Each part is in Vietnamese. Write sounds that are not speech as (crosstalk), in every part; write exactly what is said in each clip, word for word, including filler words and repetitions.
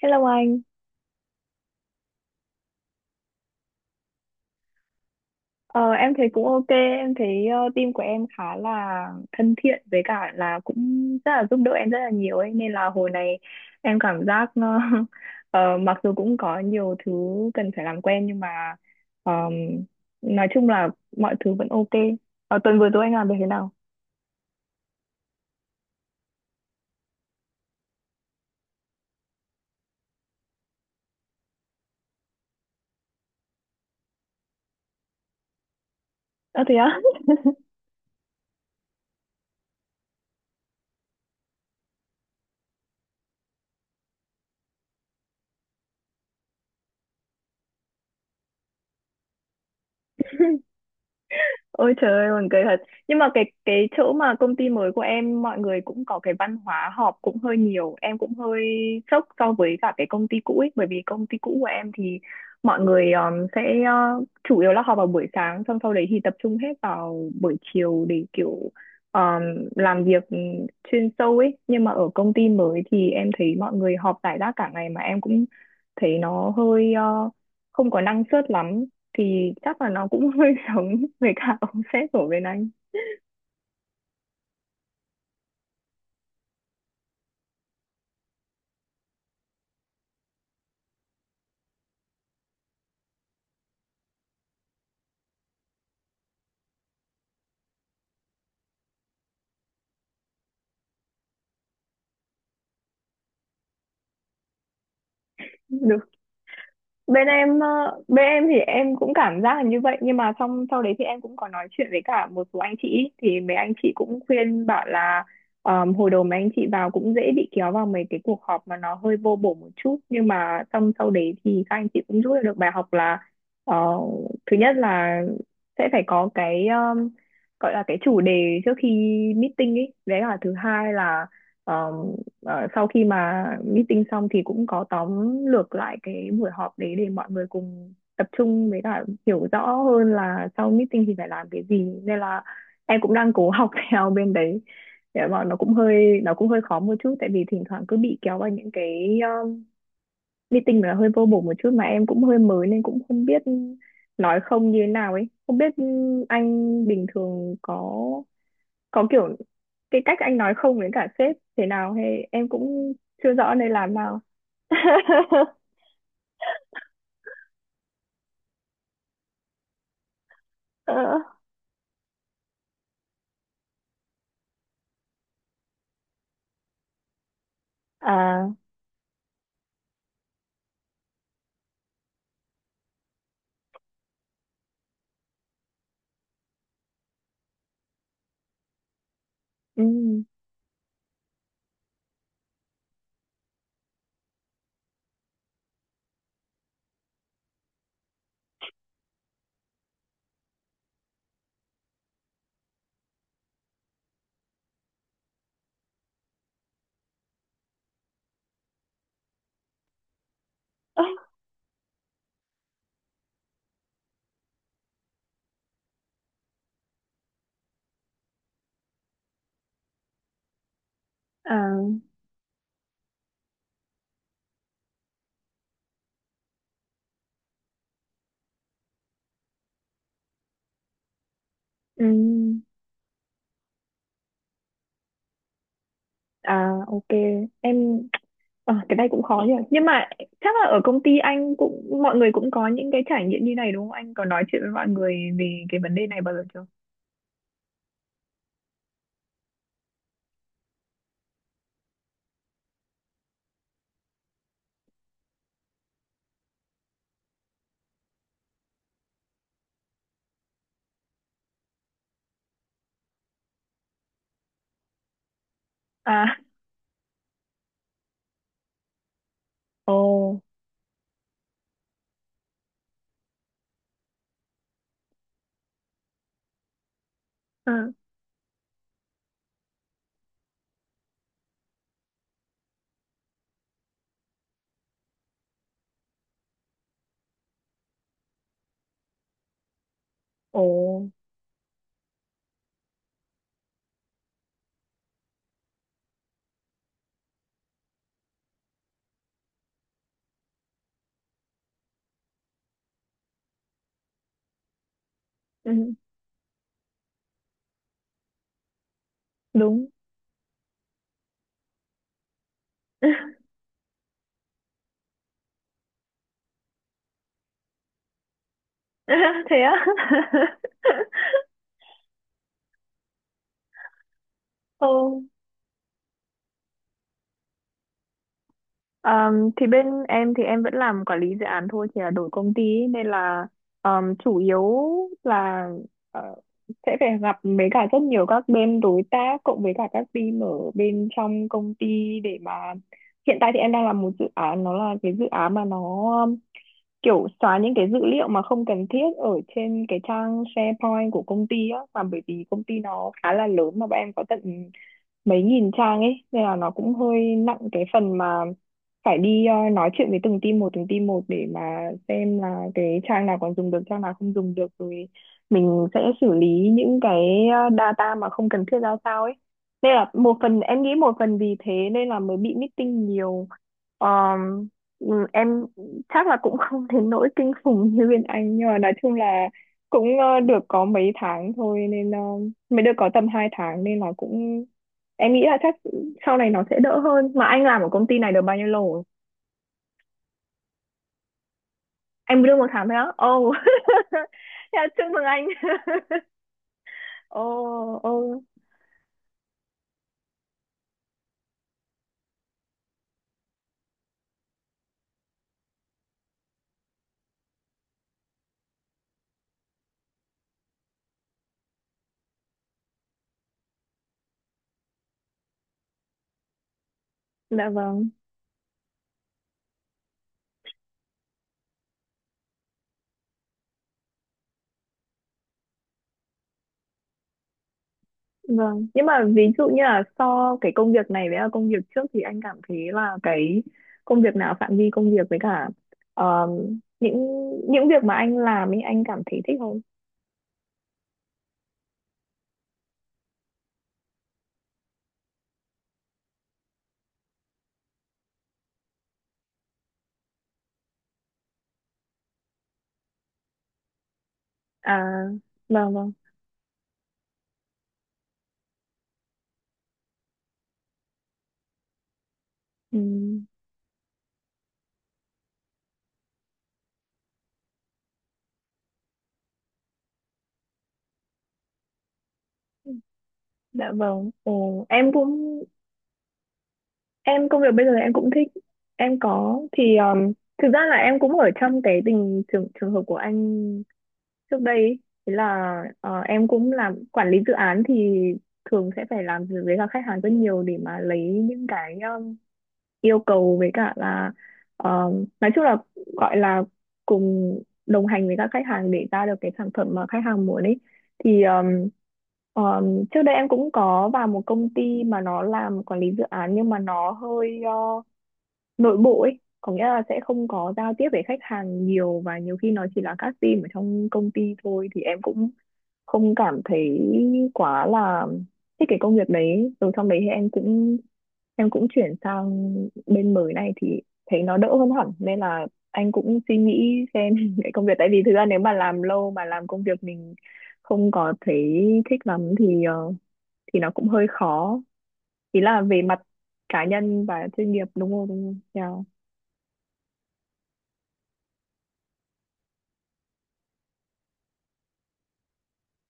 Hello anh, ờ, em thấy cũng ok. Em thấy ờ, team của em khá là thân thiện với cả là cũng rất là giúp đỡ em rất là nhiều ấy, nên là hồi này em cảm giác ờ, (laughs) ờ, mặc dù cũng có nhiều thứ cần phải làm quen, nhưng mà ờm, nói chung là mọi thứ vẫn ok. Ờ, tuần vừa rồi anh làm được thế nào? Ờ thế á? Ôi trời ơi, buồn cười thật. Nhưng mà cái cái chỗ mà công ty mới của em mọi người cũng có cái văn hóa họp cũng hơi nhiều. Em cũng hơi sốc so với cả cái công ty cũ ấy, bởi vì công ty cũ của em thì mọi người um, sẽ uh, chủ yếu là họp vào buổi sáng, xong sau đấy thì tập trung hết vào buổi chiều để kiểu um, làm việc chuyên sâu ấy. Nhưng mà ở công ty mới thì em thấy mọi người họp rải rác cả ngày, mà em cũng thấy nó hơi uh, không có năng suất lắm, thì chắc là nó cũng (laughs) hơi giống với cả ông sếp của bên anh được. Bên em ờ, bên em thì em cũng cảm giác là như vậy, nhưng mà xong sau đấy thì em cũng có nói chuyện với cả một số anh chị, thì mấy anh chị cũng khuyên bảo là ờ, hồi đầu mấy anh chị vào cũng dễ bị kéo vào mấy cái cuộc họp mà nó hơi vô bổ một chút, nhưng mà xong sau đấy thì các anh chị cũng rút ra được bài học là ờ, thứ nhất là sẽ phải có cái ờ, gọi là cái chủ đề trước khi meeting ấy, đấy là thứ hai là ờ, Ờ, sau khi mà meeting xong thì cũng có tóm lược lại cái buổi họp đấy để mọi người cùng tập trung với cả hiểu rõ hơn là sau meeting thì phải làm cái gì, nên là em cũng đang cố học (laughs) theo bên đấy để mà nó cũng hơi, nó cũng hơi khó một chút, tại vì thỉnh thoảng cứ bị kéo vào những cái um, meeting mà hơi vô bổ một chút, mà em cũng hơi mới nên cũng không biết nói không như thế nào ấy, không biết anh bình thường có có kiểu cái cách anh nói không với cả sếp thế nào, hay em cũng chưa rõ nên làm nào. (laughs) Ờ, à, ừ, à, ừ, à, ok em. Ờ, cái này cũng khó nhỉ, nhưng mà chắc là ở công ty anh cũng mọi người cũng có những cái trải nghiệm như này đúng không? Anh có nói chuyện với mọi người về cái vấn đề này bao giờ chưa? À, ồ, à, ồ, ừ, đúng. (laughs) Thế á. (laughs) Ồ. Ờm, thì bên em thì em vẫn làm quản lý dự án thôi, chỉ là đổi công ty ấy, nên là ờm, chủ yếu là ờ, sẽ phải gặp với cả rất nhiều các bên đối tác, cộng với cả các team ở bên trong công ty để mà hiện tại thì em đang làm một dự án, nó là cái dự án mà nó um, kiểu xóa những cái dữ liệu mà không cần thiết ở trên cái trang SharePoint của công ty á. Mà bởi vì công ty nó khá là lớn, mà bọn em có tận mấy nghìn trang ấy, nên là nó cũng hơi nặng cái phần mà phải đi ờ, nói chuyện với từng team một từng team một để mà xem là cái trang nào còn dùng được, trang nào không dùng được, rồi mình sẽ xử lý những cái ờ, data mà không cần thiết ra sao ấy, nên là một phần em nghĩ một phần vì thế nên là mới bị meeting nhiều. Ờm, ừ, em chắc là cũng (laughs) không đến nỗi kinh khủng như bên anh, nhưng mà nói chung là cũng ờ, được có mấy tháng thôi nên ờ, mới được có tầm hai tháng, nên là cũng em nghĩ là chắc sau này nó sẽ đỡ hơn. Mà anh làm ở công ty này được bao nhiêu lâu rồi? Anh mới được một tháng thôi á? Ồ. Thế là (laughs) chúc mừng anh. (laughs) Ồ, ồ, dạ vâng, vâng. Nhưng mà ví dụ như là so cái công việc này với là công việc trước thì anh cảm thấy là cái công việc nào, phạm vi công việc với cả ờ, những những việc mà anh làm ấy, anh cảm thấy thích hơn? À, vâng vâng. Ừ. Dạ vâng. Ồ, em cũng em công việc bây giờ em cũng thích. Em có, thì um, thực ra là em cũng ở trong cái tình trường trường hợp của anh trước đây ấy. Thế là ờ, em cũng làm quản lý dự án thì thường sẽ phải làm việc với cả khách hàng rất nhiều để mà lấy những cái um, yêu cầu với cả là um, nói chung là gọi là cùng đồng hành với các khách hàng để ra được cái sản phẩm mà khách hàng muốn ấy, thì um, um, trước đây em cũng có vào một công ty mà nó làm quản lý dự án, nhưng mà nó hơi ờ, nội bộ ấy, có nghĩa là sẽ không có giao tiếp với khách hàng nhiều, và nhiều khi nó chỉ là các team ở trong công ty thôi, thì em cũng không cảm thấy quá là thích cái công việc đấy. Rồi trong đấy thì em cũng em cũng chuyển sang bên mới này thì thấy nó đỡ hơn hẳn, nên là anh cũng suy nghĩ xem (laughs) cái công việc, tại vì thực ra nếu mà làm lâu mà làm công việc mình không có thấy thích lắm thì ờ, thì nó cũng hơi khó, ý là về mặt cá nhân và chuyên nghiệp, đúng không, đúng không? Yeah.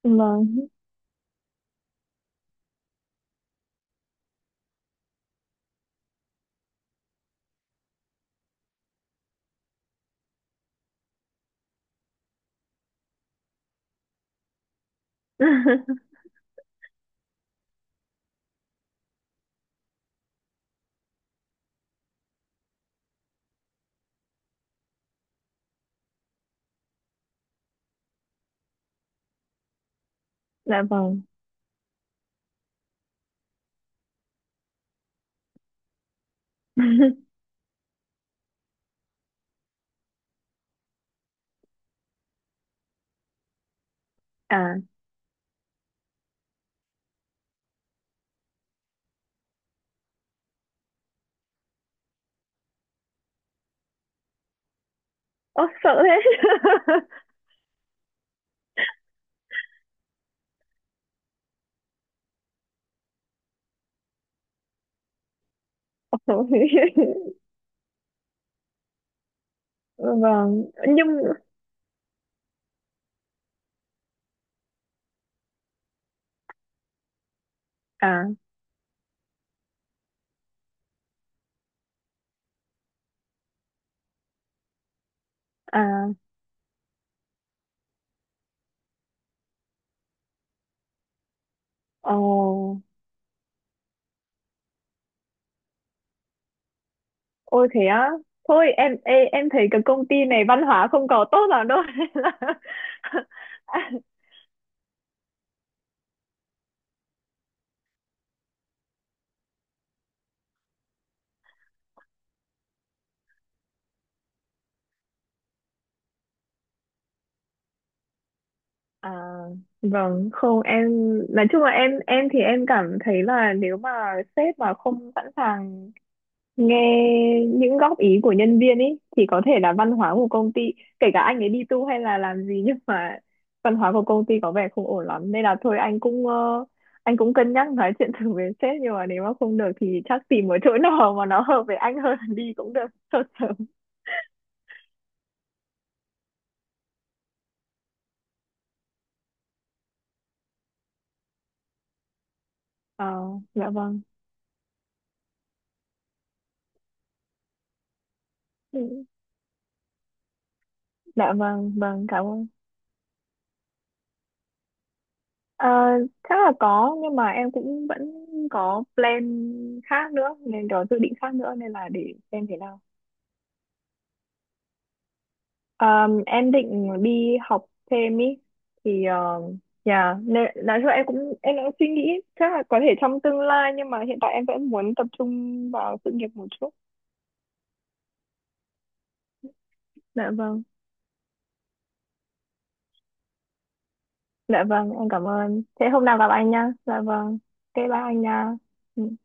Vâng. (laughs) Dạ vâng. (laughs) À, ố sợ thế. (laughs) Ôi. (laughs) Vâng, nhưng à, à, ồ, ôi thế á. Thôi em ê, em thấy cái công ty này văn hóa không có tốt lắm đâu. (laughs) Nên là- À, vâng, không em nói chung là em em thì em cảm thấy là nếu mà sếp mà không sẵn sàng nghe những góp ý của nhân viên ấy, thì có thể là văn hóa của công ty, kể cả anh ấy đi tu hay là làm gì, nhưng mà văn hóa của công ty có vẻ không ổn lắm, nên là thôi anh cũng ờ, anh cũng cân nhắc nói chuyện (laughs) thử với sếp, nhưng mà nếu mà không được thì chắc tìm một chỗ (laughs) nào mà nó hợp với anh hơn là đi cũng được (laughs) sốt sớm. Ờ, dạ vâng. Ừ, dạ vâng, vâng cảm ơn. Ờ, chắc là có, nhưng mà em cũng vẫn có plan khác nữa, nên có dự định khác nữa, nên là để xem thế nào. Ờm, em định đi học thêm ý, thì ờ, nhà, nên nói chung là em cũng em cũng suy nghĩ chắc là có thể trong tương lai, nhưng mà hiện tại em vẫn muốn tập trung vào sự nghiệp một chút. Dạ vâng, dạ vâng, em cảm ơn. Thế hôm nào gặp anh nha. Dạ vâng, cái bye anh nha. Ừ.